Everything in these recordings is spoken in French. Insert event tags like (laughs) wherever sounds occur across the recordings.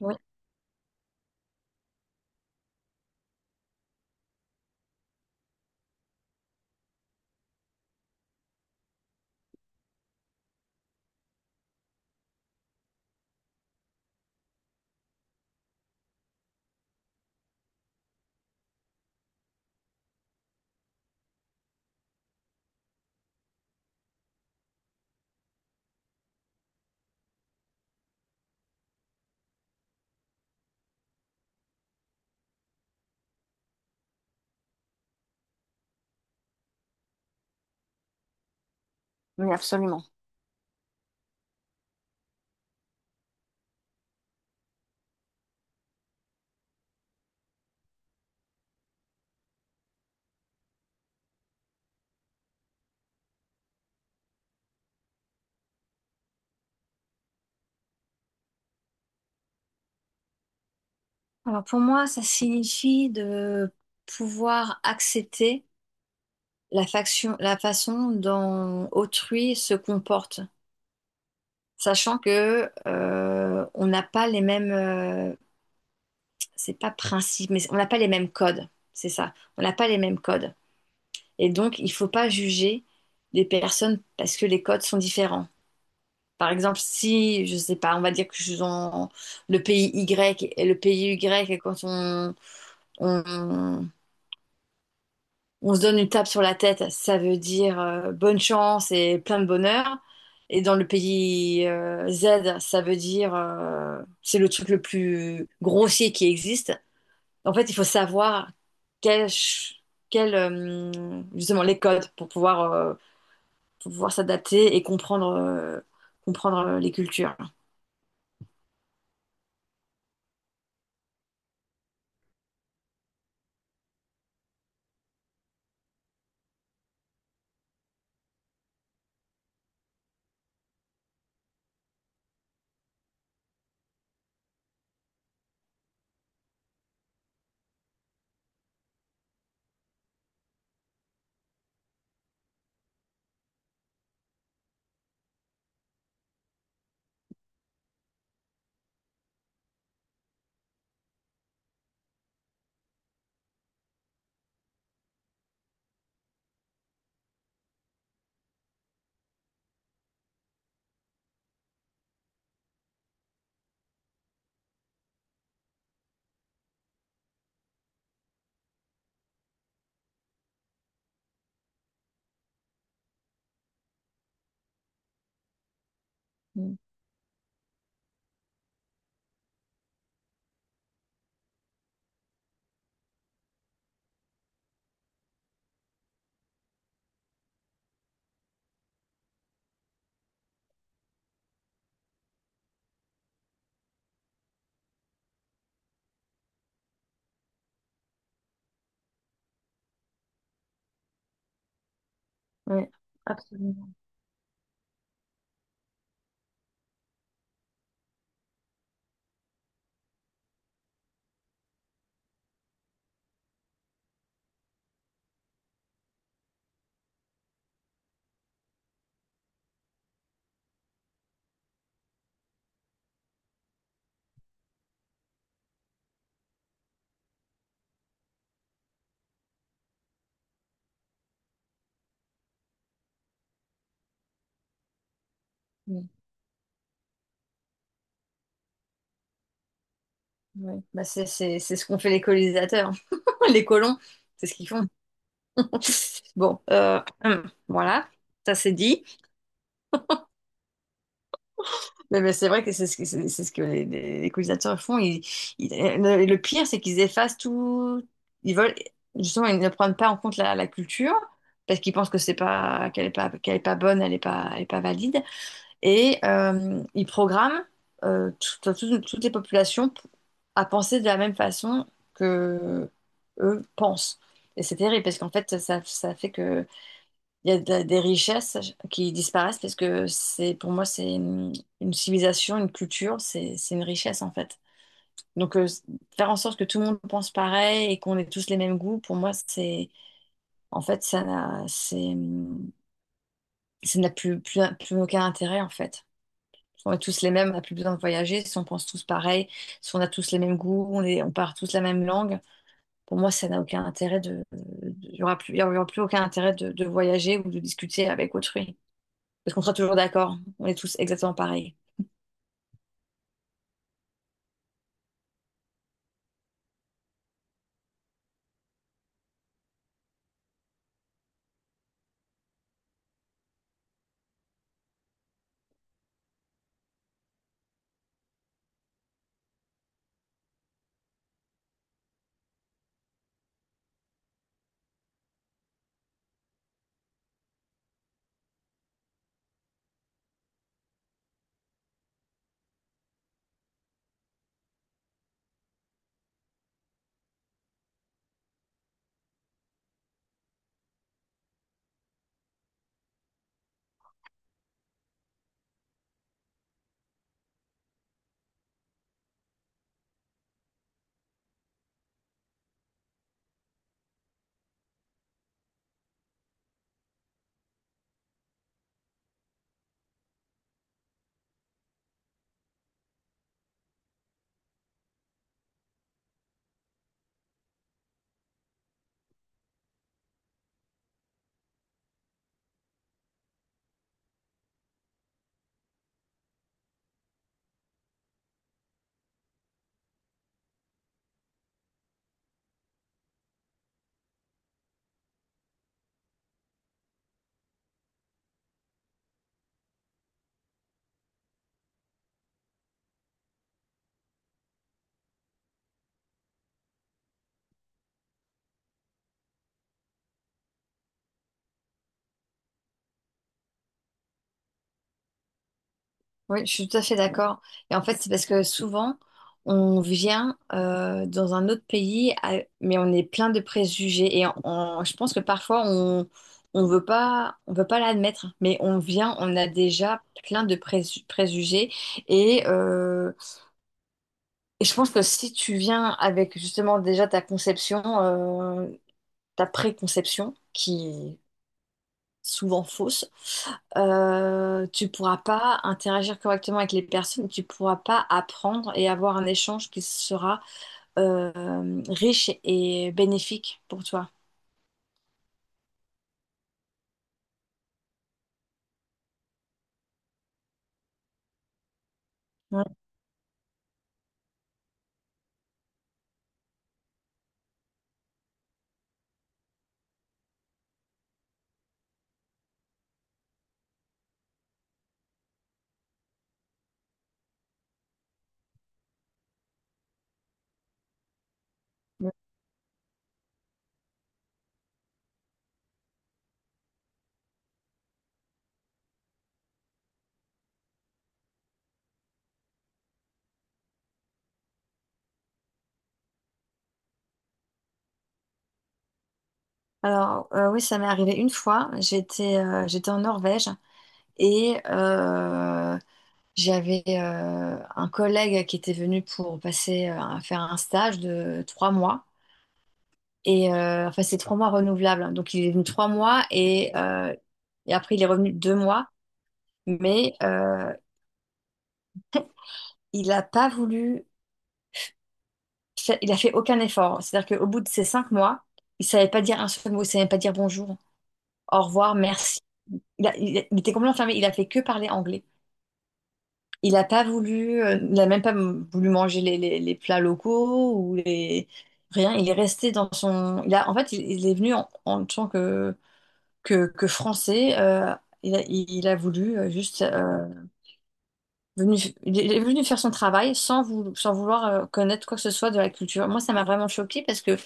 Oui, oui, absolument. Alors pour moi, ça signifie de pouvoir accepter la façon dont autrui se comporte, sachant que on n'a pas les mêmes, c'est pas principe, mais on n'a pas les mêmes codes, c'est ça. On n'a pas les mêmes codes, et donc il faut pas juger les personnes parce que les codes sont différents. Par exemple, si, je sais pas, on va dire que je suis dans le pays Y et le pays Y, et quand on on se donne une tape sur la tête, ça veut dire bonne chance et plein de bonheur. Et dans le pays Z, ça veut dire c'est le truc le plus grossier qui existe. En fait, il faut savoir quel, ch- quel, euh, justement les codes pour pouvoir s'adapter et comprendre, comprendre les cultures. Mm. Ouais, absolument. Oui, oui. C'est ce qu'ont fait les colonisateurs. (laughs) Les colons, c'est ce qu'ils font. (laughs) Bon, voilà, ça c'est dit. Mais c'est vrai que c'est ce que les colonisateurs font. Le pire, c'est qu'ils effacent tout. Ils veulent, justement, ils ne prennent pas en compte la culture parce qu'ils pensent que c'est pas, qu'elle est pas, qu'elle est pas bonne, elle est pas valide. Et il programme toutes les populations à penser de la même façon que eux pensent. Et c'est terrible parce qu'en fait, ça fait que il y a des richesses qui disparaissent parce que pour moi, une civilisation, une culture, c'est une richesse en fait. Donc, euh, Faire en sorte que tout le monde pense pareil et qu'on ait tous les mêmes goûts, pour moi, c'est, en fait, ça n'a, c'est, ça n'a plus aucun intérêt en fait. On est tous les mêmes, on n'a plus besoin de voyager. Si on pense tous pareil, si on a tous les mêmes goûts, on parle tous la même langue, pour moi, ça n'a aucun intérêt. Il il y aura plus aucun intérêt de voyager ou de discuter avec autrui. Parce qu'on sera toujours d'accord. On est tous exactement pareils. Oui, je suis tout à fait d'accord. Et en fait, c'est parce que souvent, on vient dans un autre pays, mais on est plein de préjugés. Et je pense que parfois, on veut pas, on veut pas l'admettre, mais on vient, on a déjà plein de préjugés. Et, euh, et je pense que si tu viens avec justement déjà ta conception, ta préconception, qui souvent fausses, tu pourras pas interagir correctement avec les personnes, tu pourras pas apprendre et avoir un échange qui sera riche et bénéfique pour toi. Ouais. Alors, oui, ça m'est arrivé une fois. J'étais en Norvège et j'avais un collègue qui était venu pour passer faire un stage de 3 mois. Et enfin, c'est 3 mois renouvelables, hein. Donc, il est venu 3 mois et après, il est revenu 2 mois. Mais il n'a pas voulu, il a fait aucun effort. C'est-à-dire qu'au bout de ces 5 mois, il savait pas dire un seul mot, il savait pas dire bonjour, au revoir, merci. Il était complètement fermé. Il a fait que parler anglais. Il n'a pas voulu, il n'a même pas voulu manger les plats locaux ou les rien. Il est resté dans son. Il a, en fait, il est venu en tant que que français. Il il a voulu venu, il est venu faire son travail sans, sans vouloir connaître quoi que ce soit de la culture. Moi, ça m'a vraiment choquée parce que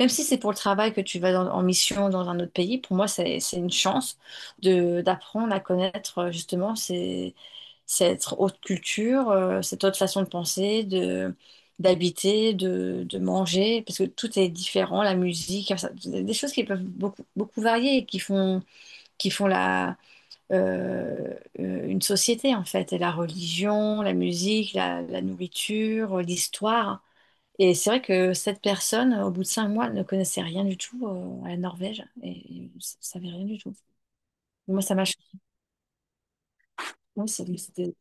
même si c'est pour le travail que tu vas en mission dans un autre pays, pour moi, c'est une chance de d'apprendre à connaître justement ces, cette autre culture, cette autre façon de penser, de manger, parce que tout est différent, la musique, enfin, ça- des choses qui peuvent beaucoup varier et qui font une société en fait, et la religion, la musique, la nourriture, l'histoire. Et c'est vrai que cette personne, au bout de 5 mois, elle ne connaissait rien du tout à la Norvège et ne savait rien du tout. Moi, ça m'a choquée. Oui, c'était.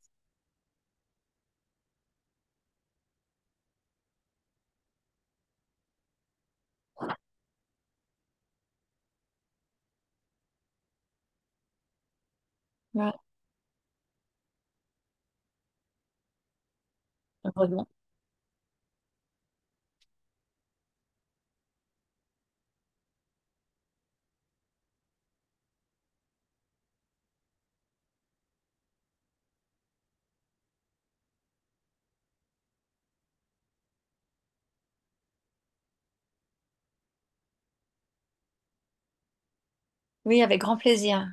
Ouais, heureusement. Oui, avec grand plaisir.